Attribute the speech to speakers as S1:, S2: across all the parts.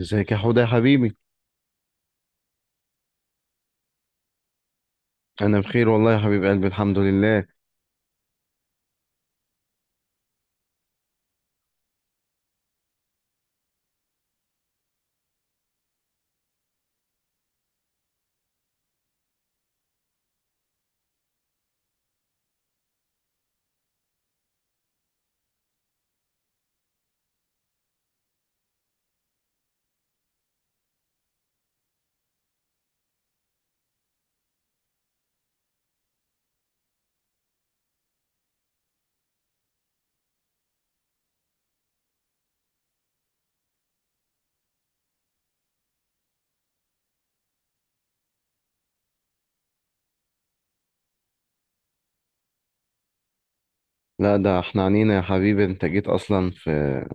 S1: ازيك يا حوده يا حبيبي. انا بخير والله يا حبيب قلبي، الحمد لله. لا ده احنا عنينا يا حبيبي، انت جيت اصلا في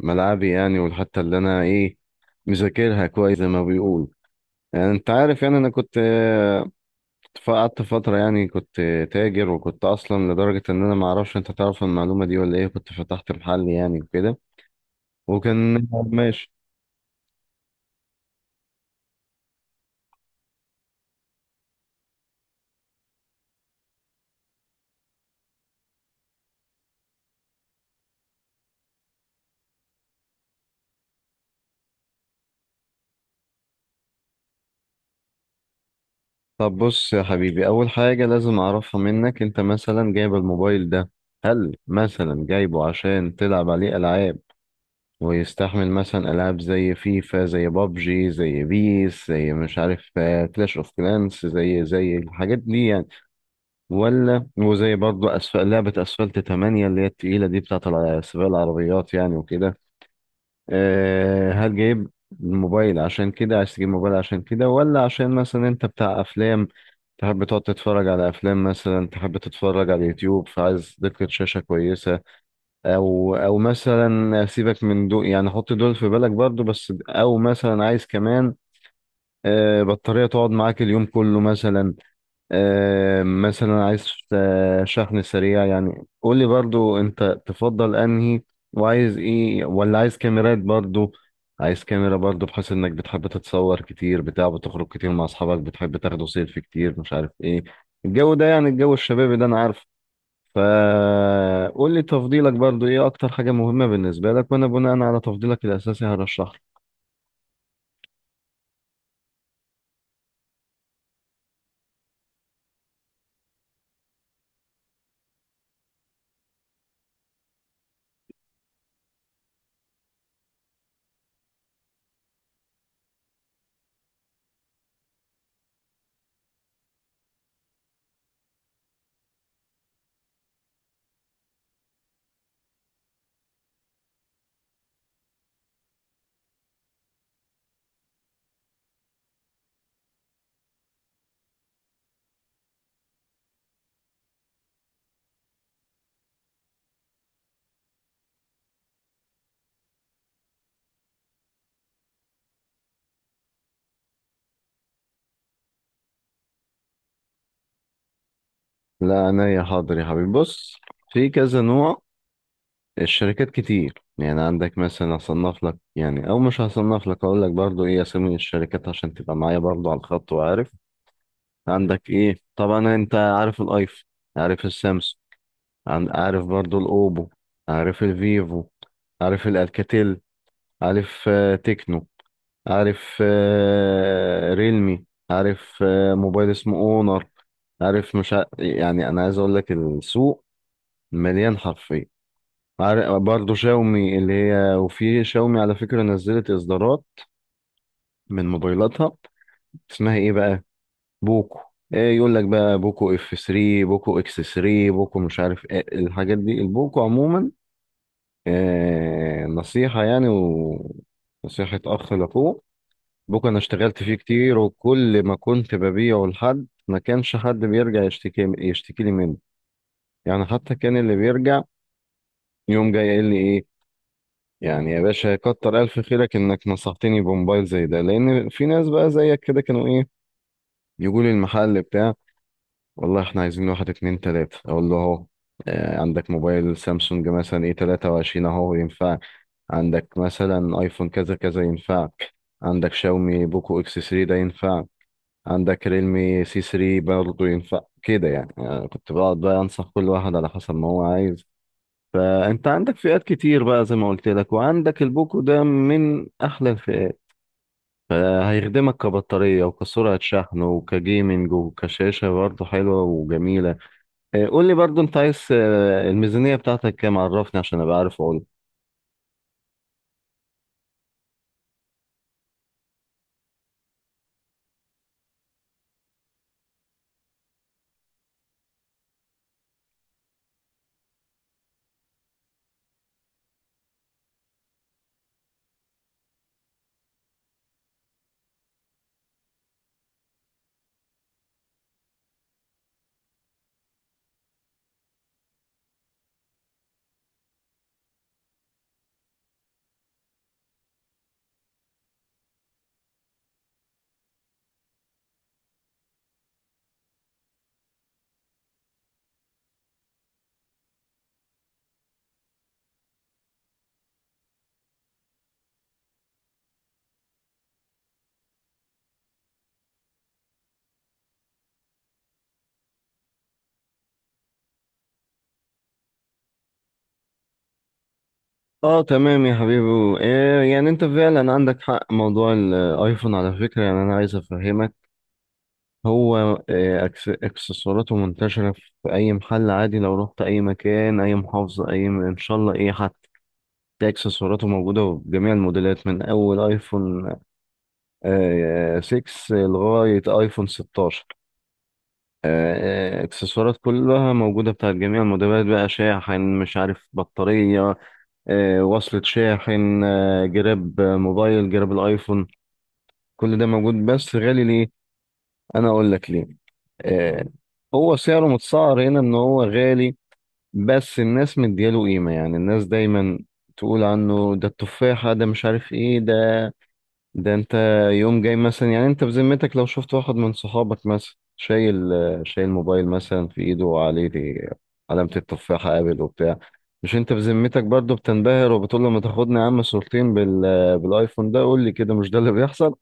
S1: ملعبي يعني، والحته اللي انا ايه مذاكرها كويس زي ما بيقول. يعني انت عارف، يعني انا كنت قعدت فتره، يعني كنت تاجر، وكنت اصلا لدرجه ان انا ما اعرفش انت تعرف المعلومه دي ولا ايه، كنت فتحت محل يعني وكده، وكان ماشي. طب بص يا حبيبي، اول حاجه لازم اعرفها منك، انت مثلا جايب الموبايل ده، هل مثلا جايبه عشان تلعب عليه العاب ويستحمل مثلا ألعاب زي فيفا، زي بابجي، زي بيس، زي مش عارف كلاش اوف كلانس، زي الحاجات دي يعني؟ ولا وزي برضه أسفل لعبة أسفلت 8 اللي هي التقيلة دي بتاعت سباق العربيات يعني وكده؟ أه، هل جايب الموبايل عشان كده، عايز تجيب موبايل عشان كده، ولا عشان مثلا انت بتاع افلام، تحب تقعد تتفرج على افلام، مثلا تحب تتفرج على اليوتيوب فعايز دقة شاشة كويسة؟ او مثلا سيبك من دول يعني، حط دول في بالك برضو بس، او مثلا عايز كمان بطارية تقعد معاك اليوم كله مثلا، مثلا عايز شحن سريع. يعني قول لي برضو انت تفضل انهي، وعايز ايه، ولا عايز كاميرات برضو؟ عايز كاميرا برضو بحيث انك بتحب تتصور كتير، بتاع بتخرج كتير مع اصحابك، بتحب تاخدوا سيلفي كتير مش عارف ايه، الجو ده يعني الجو الشبابي ده انا عارف. فقول لي تفضيلك برضو ايه، اكتر حاجة مهمة بالنسبة لك، وانا بناء على تفضيلك الاساسي هرشح لك. لا انا يا حاضر يا حبيبي، بص، في كذا نوع، الشركات كتير يعني. عندك مثلا، هصنف لك يعني، او مش هصنف لك، اقول لك برضو ايه اسامي الشركات عشان تبقى معايا برضو على الخط وعارف عندك ايه. طبعا انت عارف الايفون، عارف السامسونج، عارف برضو الاوبو، عارف الفيفو، عارف الالكاتيل، عارف تكنو، عارف ريلمي، عارف موبايل اسمه اونر، عارف مش يعني انا عايز اقول لك السوق مليان حرفيا. عارف برضه شاومي اللي هي، وفي شاومي على فكرة نزلت اصدارات من موبايلاتها، اسمها ايه بقى، بوكو. ايه يقول لك بقى، بوكو اف 3، بوكو اكس 3، بوكو مش عارف ايه الحاجات دي، البوكو عموما آه نصيحة يعني، ونصيحة اخ لاخوه، بوك انا اشتغلت فيه كتير، وكل ما كنت ببيعه لحد ما كانش حد بيرجع يشتكي لي منه. يعني حتى كان اللي بيرجع يوم جاي قايل لي ايه يعني، يا باشا كتر الف خيرك انك نصحتني بموبايل زي ده، لان في ناس بقى زيك كده كانوا ايه يقول لي المحل بتاع، والله احنا عايزين واحد اتنين تلاتة، اقول له اهو، عندك موبايل سامسونج مثلا ايه 23 اهو ينفع، عندك مثلا ايفون كذا كذا ينفعك، عندك شاومي بوكو اكس 3 ده ينفع، عندك ريلمي سي 3 برضه ينفع كده يعني. كنت بقعد بقى انصح كل واحد على حسب ما هو عايز. فانت عندك فئات كتير بقى زي ما قلت لك، وعندك البوكو ده من احلى الفئات، فهيخدمك كبطارية، وكسرعة شحن، وكجيمنج، وكشاشة برضه حلوة وجميلة. قول لي برضه انت عايز، الميزانية بتاعتك كام، عرفني عشان ابقى عارف اقول. اه تمام يا حبيبي. يعني انت فعلا عندك حق. موضوع الايفون على فكرة، يعني انا عايز افهمك، هو اكسسواراته منتشرة في اي محل عادي، لو رحت اي مكان، اي محافظة، اي ان شاء الله ايه حتى تلاقي اكسسواراته موجودة بجميع الموديلات، من اول ايفون 6 لغاية ايفون 16، اكسسوارات كلها موجودة بتاعت جميع الموديلات، بقى شاحن، مش عارف بطارية، وصلة شاحن، جراب موبايل، جراب الايفون، كل ده موجود بس غالي. ليه؟ انا اقول لك ليه. آه، هو سعره متسعر هنا ان هو غالي، بس الناس مدياله قيمة، يعني الناس دايما تقول عنه ده التفاحة، ده مش عارف ايه ده. ده انت يوم جاي مثلا، يعني انت بذمتك لو شفت واحد من صحابك مثلا شايل، شايل موبايل مثلا في ايده وعليه علامة التفاحة ابل وبتاع، مش انت بذمتك برضه بتنبهر وبتقول له ما تاخدني يا عم صورتين بالايفون ده؟ قول لي كده، مش ده اللي بيحصل؟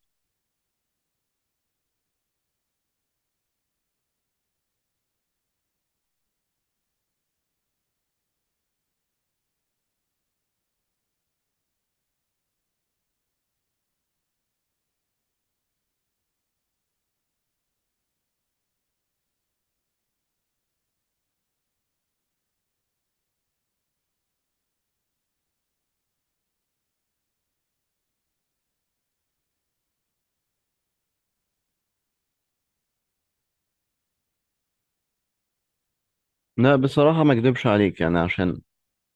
S1: لا بصراحة ما اكدبش عليك، يعني عشان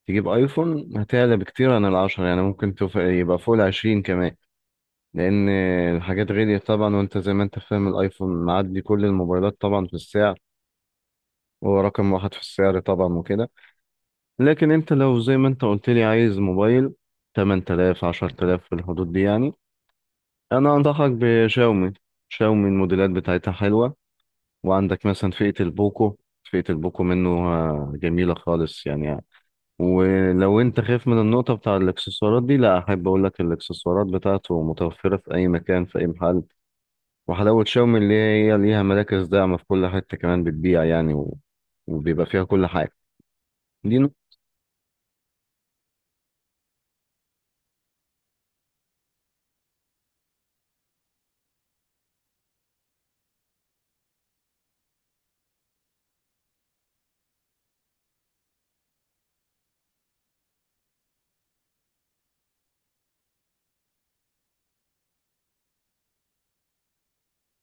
S1: تجيب ايفون هتعلى بكتير عن العشرة، يعني ممكن يبقى فوق العشرين كمان، لان الحاجات غليت طبعا، وانت زي ما انت فاهم الايفون معدي كل الموبايلات طبعا في السعر، هو رقم واحد في السعر طبعا وكده. لكن انت لو زي ما انت قلت لي عايز موبايل 8000 10000 في الحدود دي، يعني انا انصحك بشاومي. شاومي الموديلات بتاعتها حلوة، وعندك مثلا فئة البوكو، فئة البوكو منه جميلة خالص يعني. ولو انت خايف من النقطة بتاع الاكسسوارات دي، لا احب اقول لك الاكسسوارات بتاعته متوفرة في اي مكان، في اي محل. وحلاوة شاومي اللي هي ليها مراكز داعمة في كل حتة كمان بتبيع يعني، وبيبقى فيها كل حاجة. دي نقطة.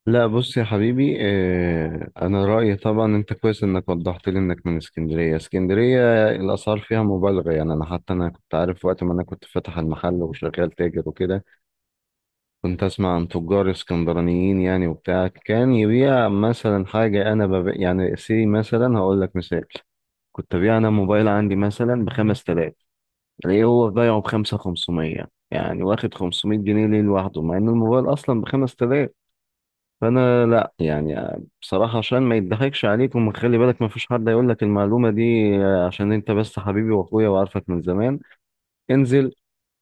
S1: لا بص يا حبيبي، اه انا رأيي طبعا، انت كويس انك وضحت لي انك من اسكندرية. اسكندرية الاسعار فيها مبالغة يعني، انا حتى انا كنت عارف وقت ما انا كنت فاتح المحل وشغال تاجر وكده، كنت اسمع عن تجار اسكندرانيين يعني وبتاع، كان يبيع مثلا حاجه انا يعني سي مثلا هقول لك مثال، كنت ابيع انا موبايل عندي مثلا ب 5000، الاقيه هو بايعه ب 5500، يعني واخد 500 جنيه ليه لوحده مع ان الموبايل اصلا ب 5000. فانا لا يعني بصراحه، عشان ما يضحكش عليك، وخلي بالك ما فيش حد هيقول لك المعلومه دي عشان انت بس حبيبي واخويا وعارفك من زمان. انزل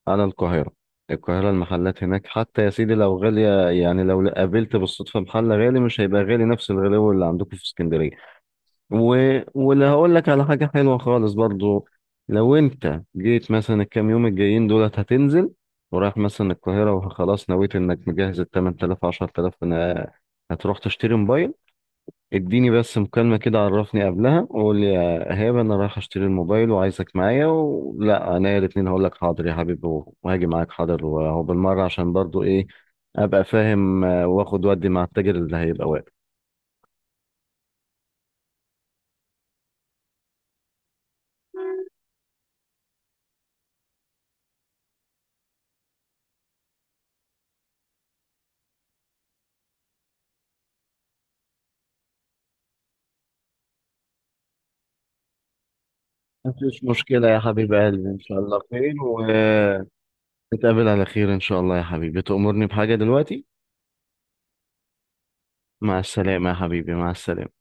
S1: انا القاهره. القاهره المحلات هناك حتى يا سيدي لو غاليه، يعني لو قابلت بالصدفه محل غالي، مش هيبقى غالي نفس الغلاوه اللي عندكم في اسكندريه. و... واللي هقول لك على حاجه حلوه خالص برضو، لو انت جيت مثلا الكام يوم الجايين دولت هتنزل، ورايح مثلا القاهره، وخلاص نويت انك مجهز ال 8000 10000، انا هتروح تشتري موبايل، اديني بس مكالمة كده، عرفني قبلها وقول لي يا إيهاب، أنا رايح أشتري الموبايل وعايزك معايا ولا أنا، الاتنين هقول لك حاضر يا حبيبي، وهاجي معاك حاضر، وهو بالمرة عشان برضو إيه أبقى فاهم، وآخد ودي مع التاجر اللي هيبقى واقف. مفيش مشكلة يا حبيب قلبي، إن شاء الله خير ونتقابل على خير إن شاء الله يا حبيبي. تأمرني بحاجة دلوقتي؟ مع السلامة يا حبيبي، مع السلامة.